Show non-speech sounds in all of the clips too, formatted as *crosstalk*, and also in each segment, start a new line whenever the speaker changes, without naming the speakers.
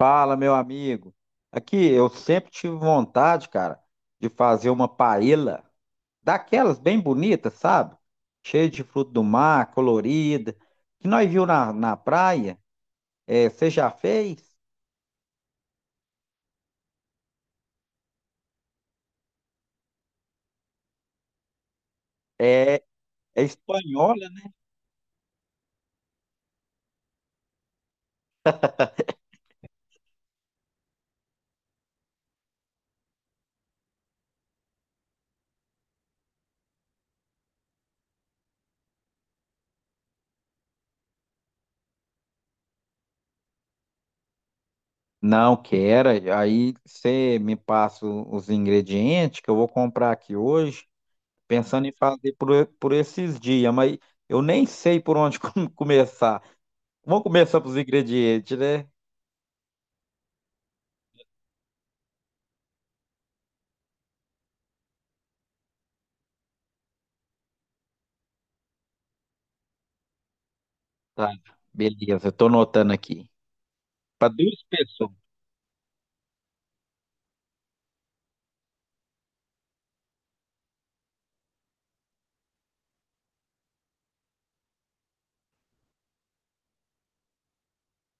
Fala, meu amigo. Aqui, eu sempre tive vontade, cara, de fazer uma paella daquelas bem bonitas, sabe? Cheia de fruto do mar, colorida, que nós viu na praia. É, você já fez? É, é espanhola, né? Não, quero. Aí você me passa os ingredientes que eu vou comprar aqui hoje, pensando em fazer por esses dias, mas eu nem sei por onde *laughs* começar. Vamos começar pelos ingredientes, né? Tá, beleza, eu tô anotando aqui. Para duas pessoas,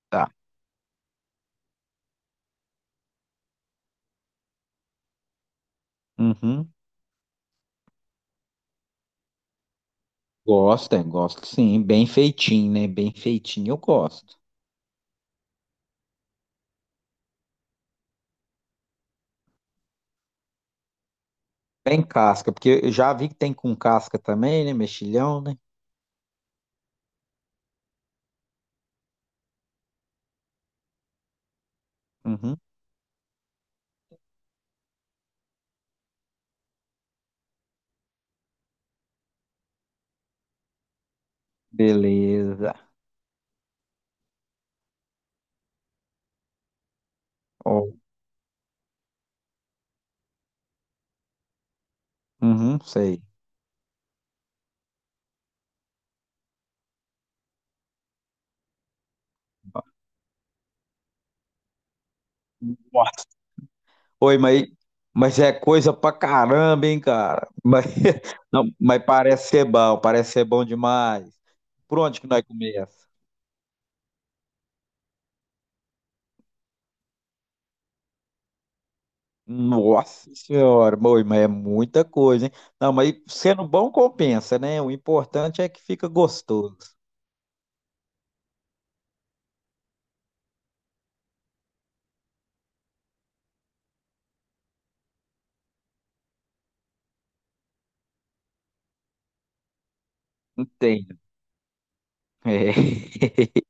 tá? Uhum. gosta Gosto sim. Bem feitinho, né? Bem feitinho, eu gosto. Bem casca, porque eu já vi que tem com casca também, né? Mexilhão, né? Uhum. Beleza. Ó, uhum, sei. Nossa. Oi, mas é coisa pra caramba, hein, cara? Mas, *laughs* não, mas parece ser bom demais. Por onde que nós começa? Nossa senhora, boi, mas é muita coisa, hein? Não, mas sendo bom compensa, né? O importante é que fica gostoso. Entendo. É. *laughs*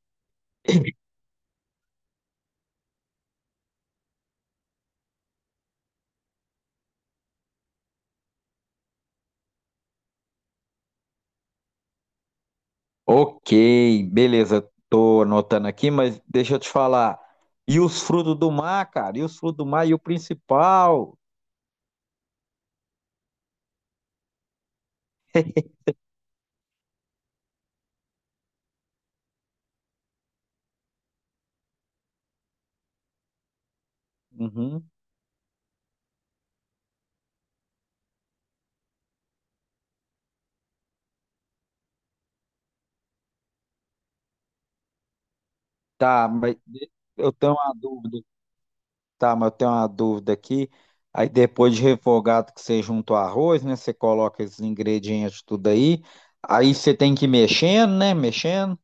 Ok, beleza. Tô anotando aqui, mas deixa eu te falar. E os frutos do mar, cara? E os frutos do mar e o principal? Uhum. Tá, mas eu tenho uma dúvida. Tá, mas eu tenho uma dúvida aqui. Aí depois de refogado que você junta o arroz, né? Você coloca esses ingredientes tudo aí. Aí você tem que ir mexendo, né? Mexendo.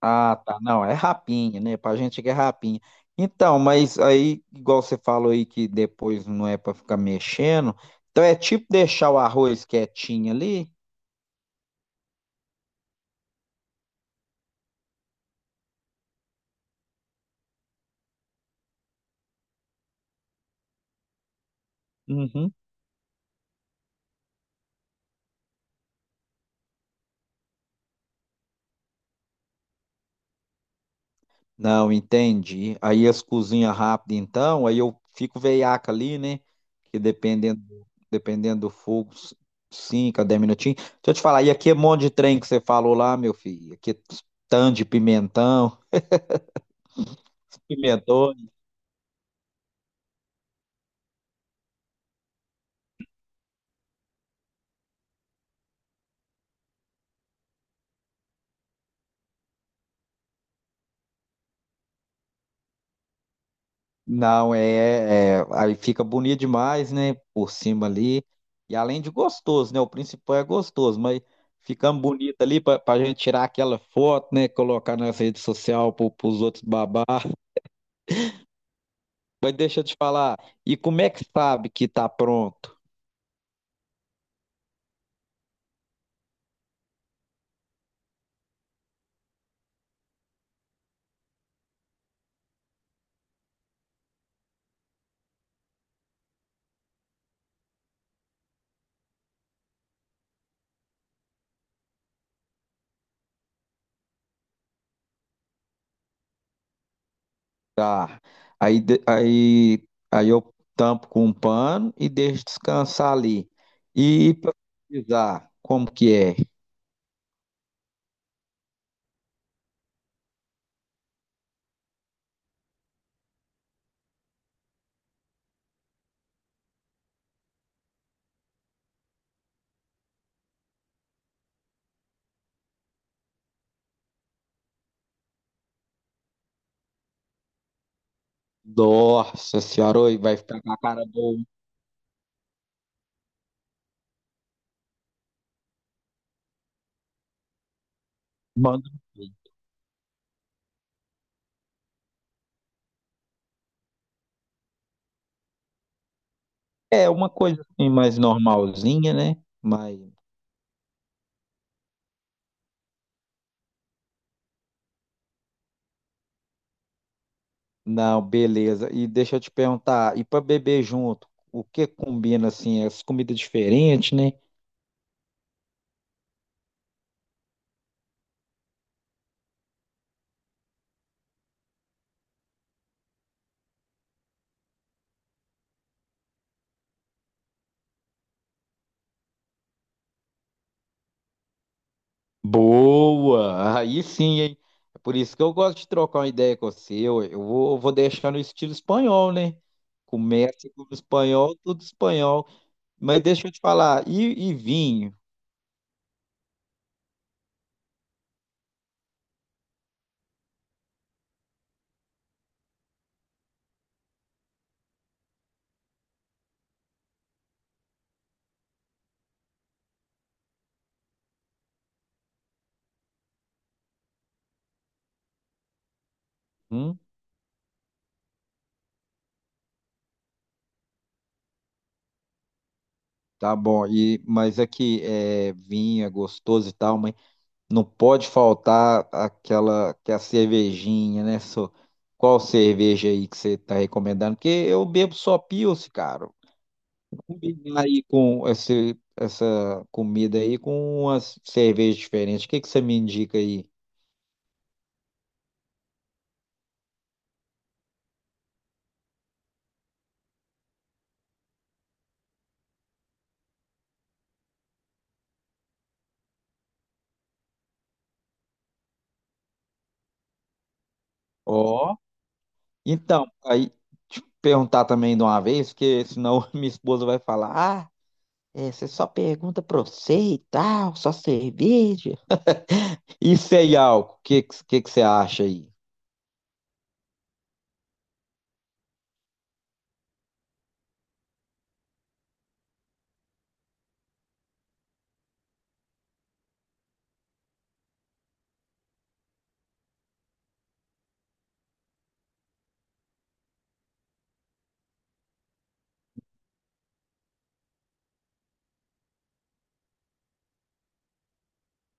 Ah, tá. Não, é rapinha, né? Pra gente que é rapinha. Então, mas aí, igual você falou aí que depois não é pra ficar mexendo. Então é tipo deixar o arroz quietinho ali. Uhum. Não, entendi. Aí as cozinha rápido, então, aí eu fico veiaca ali, né? Que dependendo do fogo, 5 a 10 minutinhos. Deixa eu te falar, e aqui é um monte de trem que você falou lá, meu filho. Aqui é tanto de pimentão, *laughs* pimentão. Não, é, aí fica bonito demais, né? Por cima ali. E além de gostoso, né? O principal é gostoso, mas ficamos bonito ali pra gente tirar aquela foto, né? Colocar nas redes sociais pro, pros outros babar. Mas deixa eu te falar, e como é que sabe que tá pronto? Tá. Aí, de- aí, Aí eu tampo com um pano e deixo descansar ali. E para pesquisar, como que é? Nossa senhora, oi, vai ficar com a cara boa. Manda um vídeo. É uma coisa assim mais normalzinha, né? Mas não, beleza. E deixa eu te perguntar, e para beber junto, o que combina assim? As comidas diferentes, né? Boa! Aí sim, hein? É por isso que eu gosto de trocar uma ideia com você. Eu vou deixar no estilo espanhol, né? Começa com o espanhol, tudo espanhol. Mas deixa eu te falar, e vinho? Hum? Tá bom, e, mas aqui é vinho, é gostoso e tal, mas não pode faltar aquela cervejinha, né? só? Qual cerveja aí que você tá recomendando? Porque eu bebo só Pils, cara. Combinar aí com essa comida aí com umas cervejas diferentes. O que que você me indica aí? Ó. Então, aí te perguntar também de uma vez, porque senão *laughs* minha esposa vai falar: Ah, é, você só pergunta pra você e tal, só cerveja. E sem álcool, o que, que você acha aí?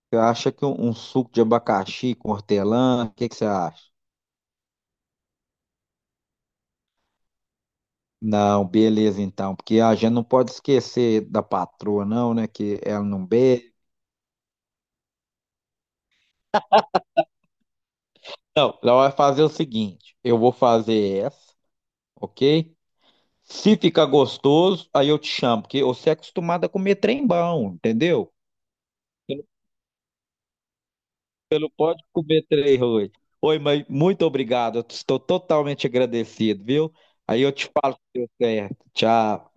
Você acha que um suco de abacaxi com hortelã, o que que você acha? Não, beleza então, porque a gente não pode esquecer da patroa, não, né? Que ela não bebe. Não, ela vai fazer o seguinte: eu vou fazer essa, ok? Se ficar gostoso, aí eu te chamo, porque você é acostumado a comer trem bom, entendeu? Você não Você não pode comer trem ruim. Oi, mas muito obrigado, eu estou totalmente agradecido, viu? Aí eu te falo se deu certo. Tchau.